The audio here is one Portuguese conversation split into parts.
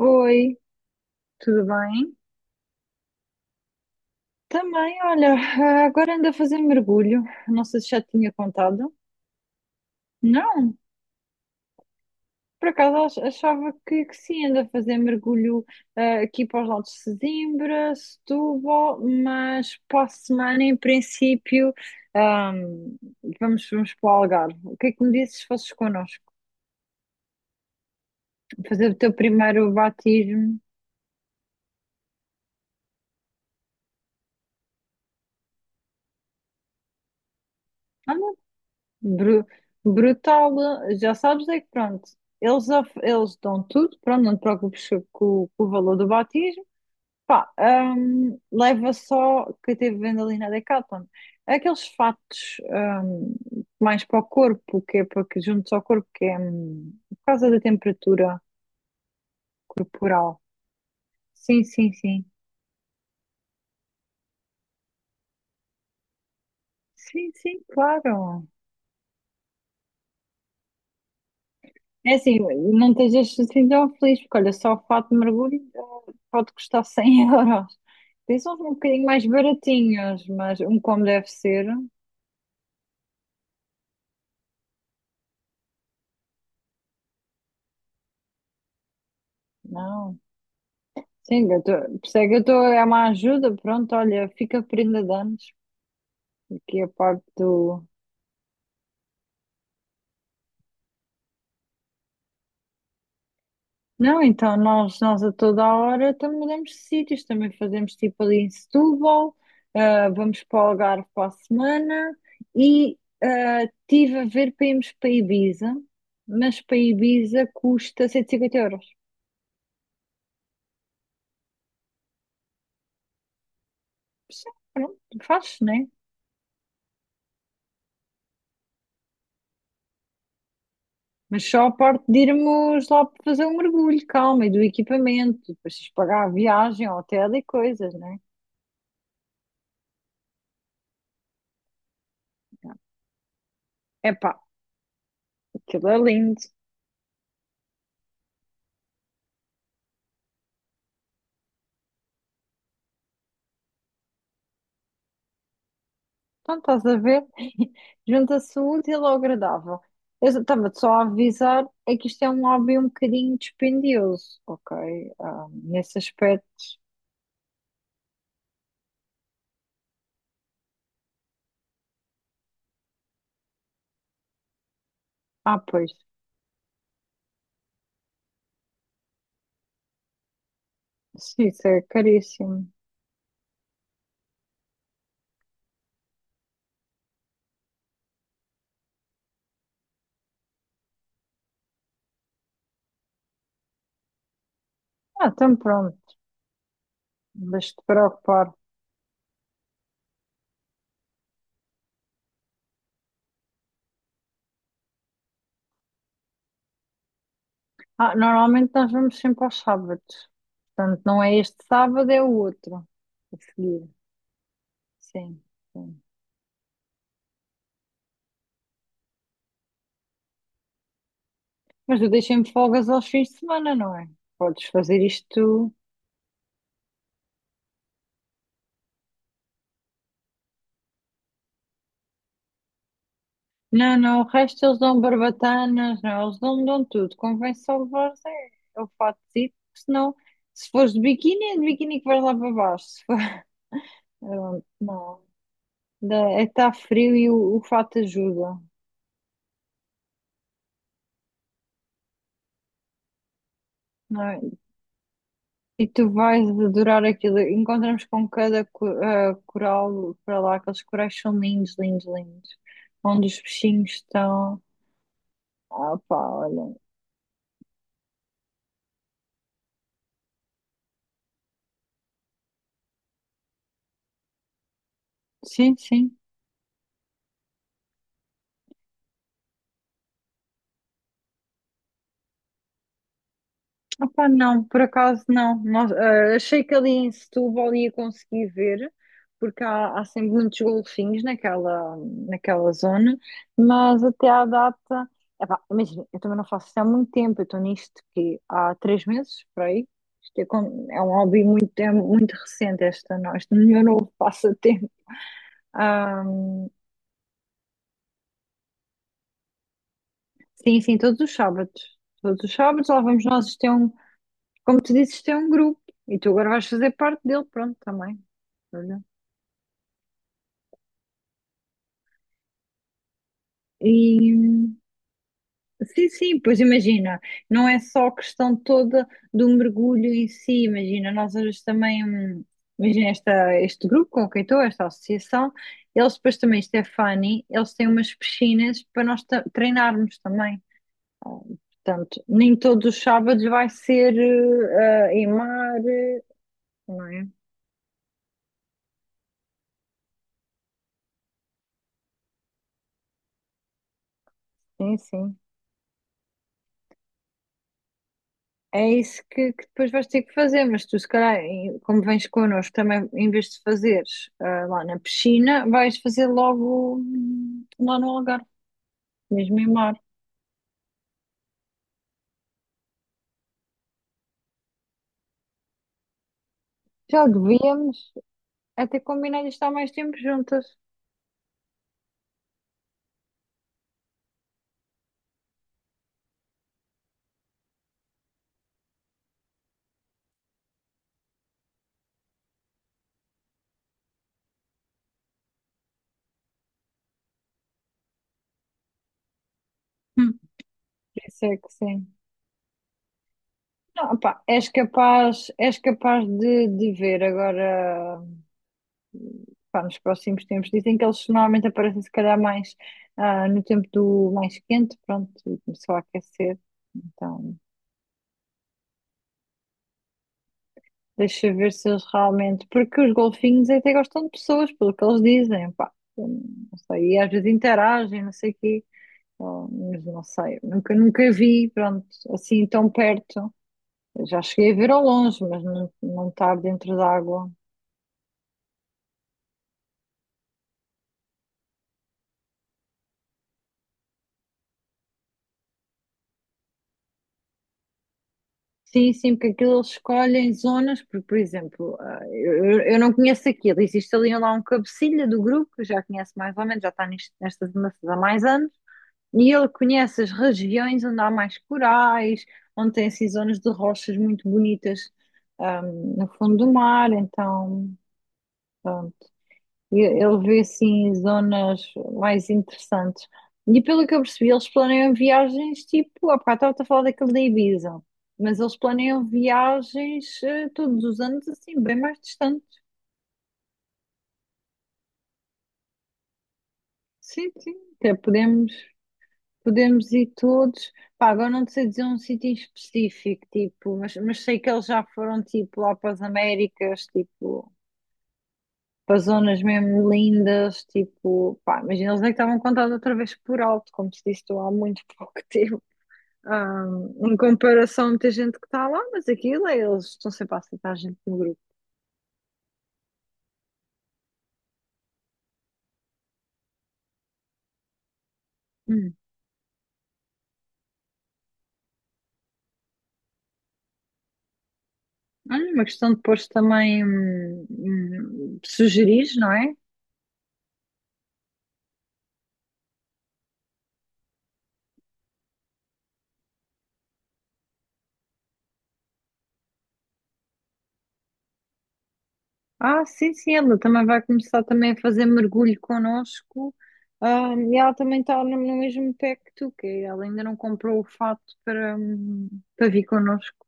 Oi, tudo bem? Também, olha, agora ando a fazer mergulho. Não sei se já te tinha contado. Não, por acaso achava que sim, ando a fazer mergulho aqui para os lados de Sesimbra, Setúbal, mas para a semana, em princípio, ah, vamos para o Algarve. O que é que me dizes se fosses connosco? Fazer o teu primeiro batismo. Bru- Brutal. Já sabes é que pronto, eles dão tudo, pronto, não te preocupes com o valor do batismo. Pá, leva só que eu teve vendo ali na Decathlon. Aqueles fatos mais para o corpo, que é para que juntos ao corpo, que é por causa da temperatura corporal. Sim, sim, sim. Sim, sim, claro. É assim, não estejas assim tão feliz, porque olha, só o fato de mergulho pode custar 100 euros. Tens uns um bocadinho mais baratinhos, mas um como deve ser, não. Sim, eu estou, percebe, eu estou, é uma ajuda, pronto, olha, fica prenda de anos, porque a parte do, não, então nós a toda a hora também mudamos de sítios, também fazemos tipo ali em Setúbal, vamos para o Algarve para a semana e tive a ver para irmos para Ibiza, mas para Ibiza custa 150 euros. Sim, pronto, faz, né? Mas só a parte de irmos lá para fazer um mergulho, calma, e do equipamento, depois tens de pagar a viagem, hotel e coisas, né? Epá, aquilo é lindo. Então, estás a ver? Junta-se o útil ao agradável. Eu estava-te só a avisar, é que isto é um hobby um bocadinho dispendioso, ok? Ah, nesse aspecto. Ah, pois, sim, isso é caríssimo. Ah, então pronto, deixa-te preocupar. Ah, normalmente nós vamos sempre aos sábados. Portanto, não é este sábado, é o outro. A seguir, sim, sim. Mas eu deixei-me folgas aos fins de semana, não é? Podes fazer isto. Não, não, o resto eles dão barbatanas, não, eles dão tudo. Convém só levares é o fatezito, porque senão, se fores de biquíni, é de biquíni que vais lá para baixo. Se for- Não, é que está frio e o fato ajuda, não é? E tu vais adorar aquilo. Encontramos com cada coral para lá, aqueles corais são lindos, lindos, lindos. Onde os peixinhos estão. Ah, pá, olha. Sim, sim. Opa, não, por acaso não. Achei que ali em Setúbal ia conseguir ver, porque há sempre muitos golfinhos naquela, naquela zona, mas até à data. Epá, imagina, eu também não faço isso há muito tempo, eu estou nisto que há 3 meses, por aí. Isto é, é um hobby muito, é muito recente, esta, no- este meu novo passatempo. Ah, sim, sim, todos os sábados. Todos os sábados lá vamos nós ter. Como tu dizes, tem um grupo e tu agora vais fazer parte dele, pronto, também. Olha. E sim, sim, pois imagina, não é só a questão toda do mergulho em si, imagina, nós hoje também, imagina este grupo com quem estou, esta associação, eles depois também, isto é funny, eles têm umas piscinas para nós treinarmos também. Ah, portanto, nem todos os sábados vai ser em mar, eh, não é? Sim, sim. É isso que depois vais ter que fazer, mas tu, se calhar, como vens connosco, também, em vez de fazeres lá na piscina, vais fazer logo lá no Algarve, mesmo em mar. Já devíamos até combinar isto há mais tempo juntas. Hum. Isso é que sim. Não, pá, és capaz de ver agora, pá, nos próximos tempos. Dizem que eles normalmente aparecem, se calhar, mais no tempo do mais quente, pronto, e começou a aquecer. Então. Deixa eu ver se eles realmente. Porque os golfinhos até gostam de pessoas, pelo que eles dizem, pá. Eu não sei, e às vezes interagem, não sei o quê. Oh, mas não sei, nunca, nunca vi, pronto, assim tão perto. Eu já cheguei a ver ao longe, mas não, não estar dentro d'água. Sim, sim, porque aquilo eles escolhem zonas, porque, por exemplo, eu, eu não conheço aquilo. Existe ali lá um cabecilha do grupo, que eu já conhece mais ou menos, já está nestas andanças há mais anos. E ele conhece as regiões onde há mais corais, onde tem assim zonas de rochas muito bonitas, no fundo do mar. Então, pronto, ele vê assim zonas mais interessantes. E pelo que eu percebi, eles planeiam viagens tipo. Há bocado estava a falar daquele da Ibiza, mas eles planeiam viagens todos os anos assim, bem mais distantes. Sim, sim, até podemos. Podemos ir todos. Pá, agora não te sei dizer um sítio em específico, tipo, mas sei que eles já foram tipo lá para as Américas, tipo, para zonas mesmo lindas, tipo, pá, imagina, eles é que estavam contados outra vez por alto, como se disse tu há muito pouco tempo. Em comparação a muita gente que está lá, mas aquilo é, eles estão sempre a aceitar a gente no grupo. Hum. Olha, uma questão de depois também sugerir, não é? Ah, sim, sim, ela também vai começar também a fazer mergulho connosco. Ah, e ela também está no mesmo pé que tu, que ela ainda não comprou o fato para, para vir connosco.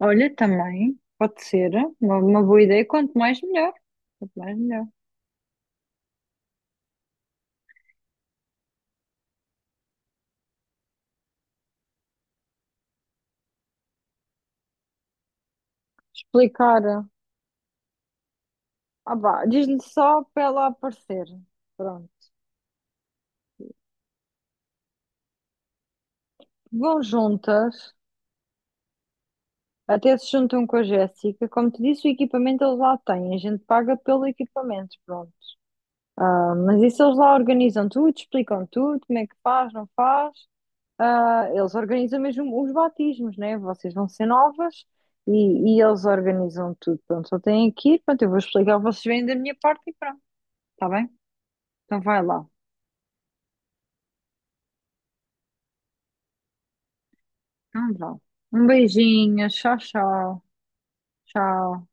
Olha, também, pode ser uma boa ideia, quanto mais melhor. Quanto mais melhor. Explicar. Ah, vá, diz-lhe só para ela aparecer. Pronto. Vão juntas, até se juntam com a Jéssica. Como te disse, o equipamento eles lá têm, a gente paga pelo equipamento, pronto. Mas isso eles lá organizam tudo, explicam tudo, como é que faz, não faz. Ah, eles organizam mesmo os batismos, né? Vocês vão ser novas e, e eles organizam tudo. Pronto, só têm que ir, pronto, eu vou explicar, vocês vêm da minha parte e pronto, tá bem? Então vai lá, então vá. Um beijinho, tchau, tchau, tchau.